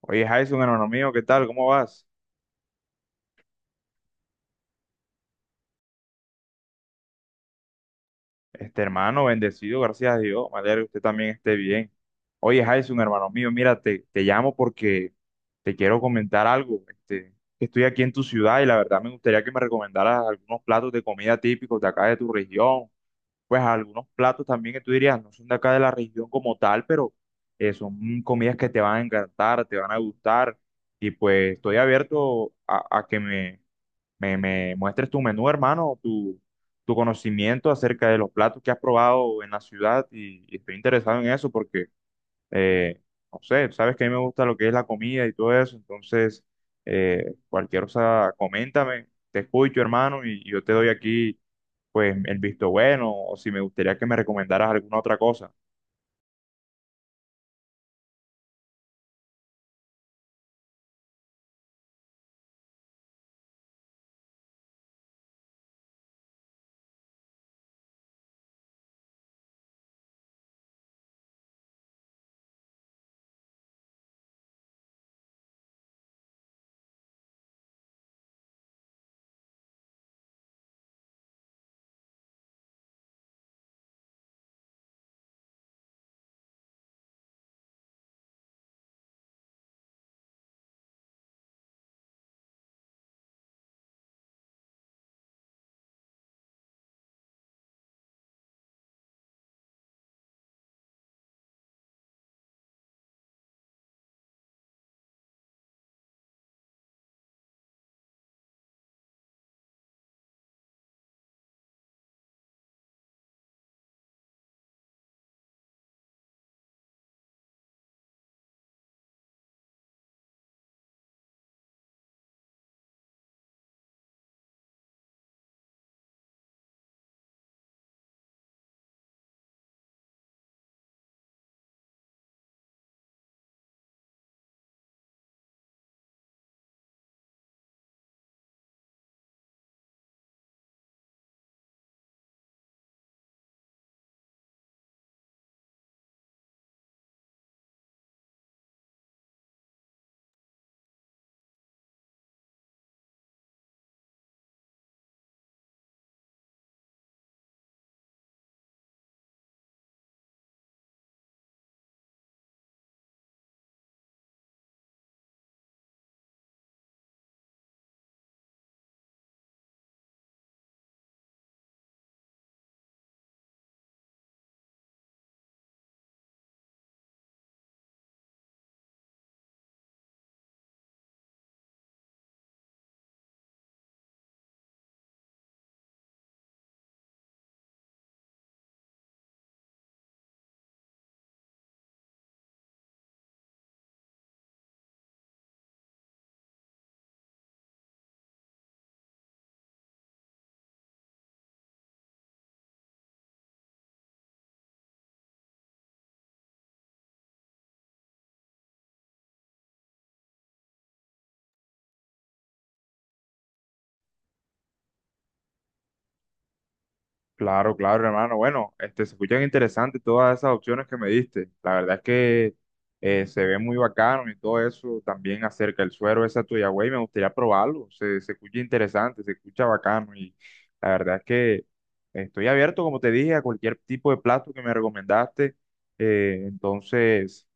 Oye, Jason, hermano mío, ¿qué tal? ¿Cómo vas? Este hermano, bendecido, gracias a Dios. Me alegra que usted también esté bien. Oye, Jason, hermano mío, mira, te llamo porque te quiero comentar algo. Este, que estoy aquí en tu ciudad y la verdad me gustaría que me recomendaras algunos platos de comida típicos de acá de tu región. Pues algunos platos también que tú dirías no son de acá de la región como tal, pero son comidas que te van a encantar, te van a gustar. Y pues estoy abierto a que me muestres tu menú, hermano, tu conocimiento acerca de los platos que has probado en la ciudad y estoy interesado en eso porque, eh, no sé, sabes que a mí me gusta lo que es la comida y todo eso, entonces, cualquier cosa, coméntame, te escucho, hermano, y yo te doy aquí, pues, el visto bueno o si me gustaría que me recomendaras alguna otra cosa. Claro, claro, hermano. Bueno, este, se escuchan interesantes todas esas opciones que me diste. La verdad es que se ve muy bacano y todo eso. También acerca del suero ese Tuyagüey, me gustaría probarlo. Se escucha interesante, se escucha bacano. Y la verdad es que estoy abierto, como te dije, a cualquier tipo de plato que me recomendaste. Eh, entonces.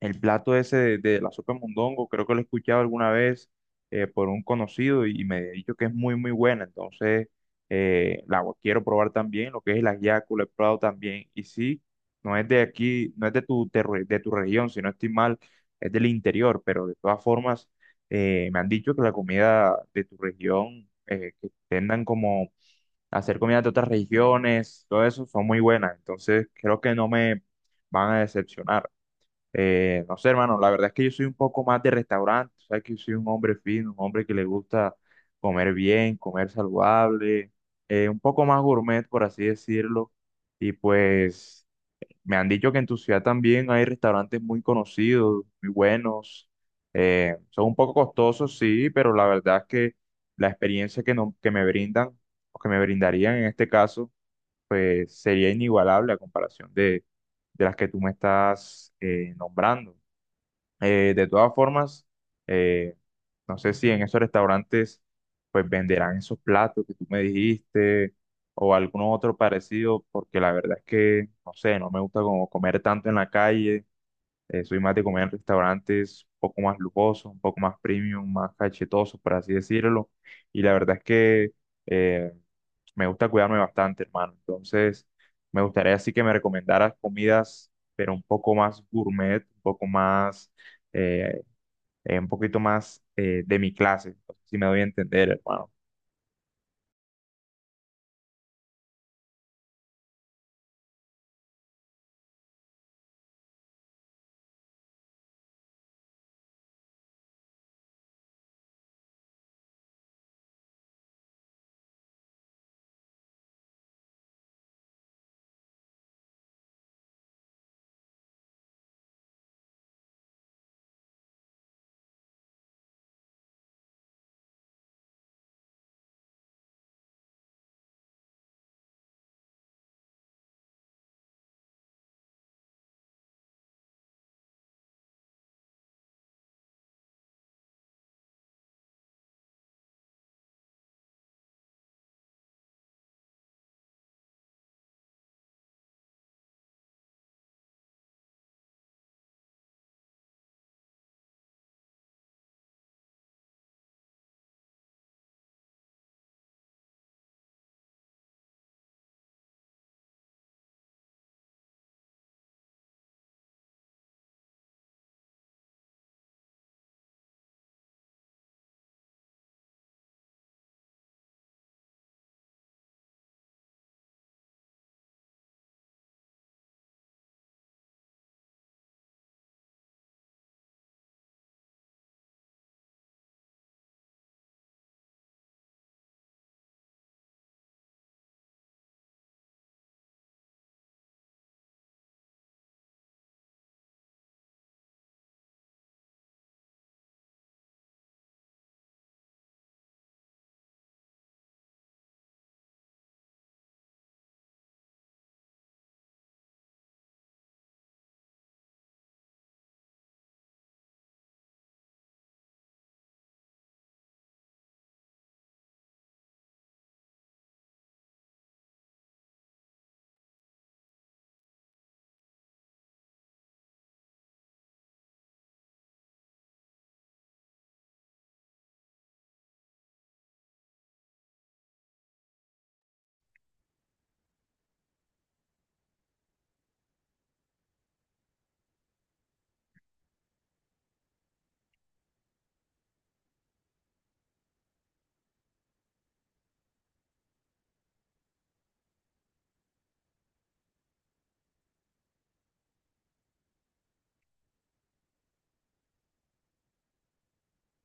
El plato ese de la sopa de mondongo, creo que lo he escuchado alguna vez por un conocido y me ha dicho que es muy, muy buena. Entonces, la quiero probar también, lo que es el ajiaco, lo he probado también. Y sí, no es de aquí, no es de tu, de tu región, si no estoy mal, es del interior, pero de todas formas, me han dicho que la comida de tu región, que tendan como a hacer comida de otras regiones, todo eso, son muy buenas. Entonces, creo que no me van a decepcionar. No sé, hermano, la verdad es que yo soy un poco más de restaurante, sabes que yo soy un hombre fino, un hombre que le gusta comer bien, comer saludable, un poco más gourmet, por así decirlo. Y pues me han dicho que en tu ciudad también hay restaurantes muy conocidos, muy buenos. Son un poco costosos, sí, pero la verdad es que la experiencia que, no- que me brindan, o que me brindarían en este caso, pues sería inigualable a comparación de las que tú me estás nombrando. De todas formas, eh, no sé si en esos restaurantes pues venderán esos platos que tú me dijiste o algún otro parecido, porque la verdad es que, no sé, no me gusta como comer tanto en la calle. Soy más de comer en restaurantes un poco más lujosos, un poco más premium, más cachetosos, por así decirlo. Y la verdad es que eh, me gusta cuidarme bastante, hermano. Entonces, me gustaría así que me recomendaras comidas, pero un poco más gourmet, un poco más, eh, un poquito más de mi clase. No sé si me doy a entender, hermano.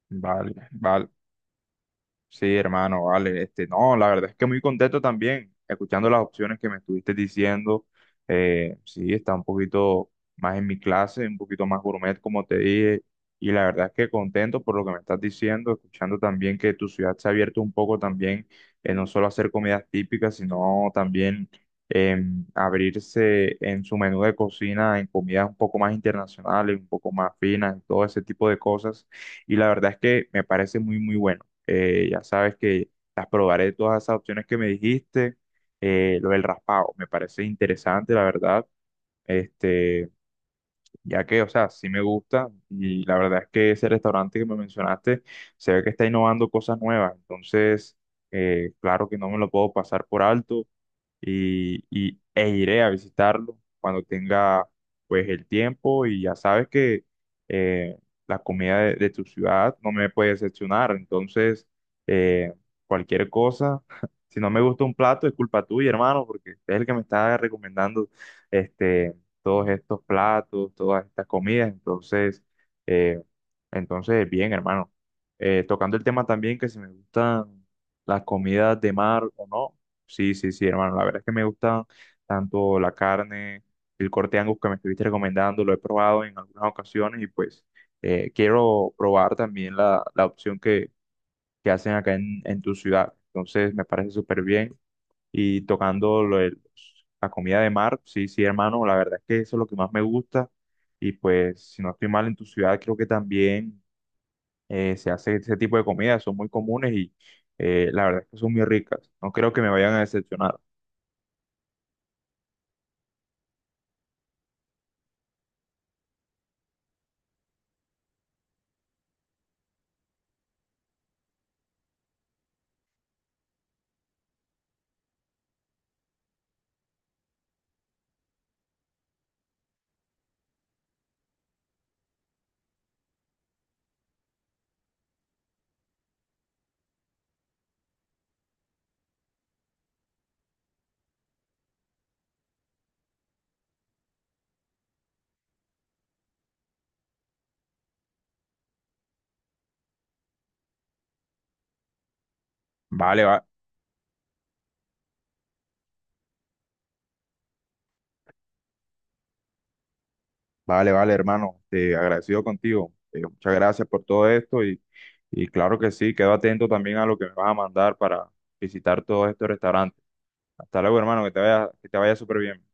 Vale, vale. Sí, hermano, vale. Este, no, la verdad es que muy contento también, escuchando las opciones que me estuviste diciendo. Sí, está un poquito más en mi clase, un poquito más gourmet, como te dije. Y la verdad es que contento por lo que me estás diciendo, escuchando también que tu ciudad se ha abierto un poco también, no solo a hacer comidas típicas, sino también abrirse en su menú de cocina, en comidas un poco más internacionales, un poco más finas, todo ese tipo de cosas. Y la verdad es que me parece muy, muy bueno. Ya sabes que las probaré todas esas opciones que me dijiste. Lo del raspado me parece interesante, la verdad. Este, ya que, o sea, sí me gusta y la verdad es que ese restaurante que me mencionaste se ve que está innovando cosas nuevas. Entonces, claro que no me lo puedo pasar por alto e iré a visitarlo cuando tenga pues el tiempo y ya sabes que eh, la comida de tu ciudad no me puede decepcionar, entonces eh, cualquier cosa, si no me gusta un plato es culpa tuya, hermano, porque es el que me está recomendando este, todos estos platos, todas estas comidas, entonces, eh, entonces bien, hermano. Tocando el tema también que si me gustan las comidas de mar o no. Sí, sí, sí, hermano. La verdad es que me gusta tanto la carne, el corte Angus que me estuviste recomendando, lo he probado en algunas ocasiones y pues quiero probar también la opción que hacen acá en tu ciudad. Entonces me parece súper bien. Y tocando lo de la comida de mar, sí, sí, hermano, la verdad es que eso es lo que más me gusta. Y pues si no estoy mal en tu ciudad, creo que también se hace ese tipo de comidas, son muy comunes y la verdad es que son muy ricas. No creo que me vayan a decepcionar. Vale, va- vale, vale, hermano. Te agradecido contigo. Muchas gracias por todo esto y claro que sí, quedo atento también a lo que me vas a mandar para visitar todos estos restaurantes. Hasta luego, hermano, que te vaya súper bien.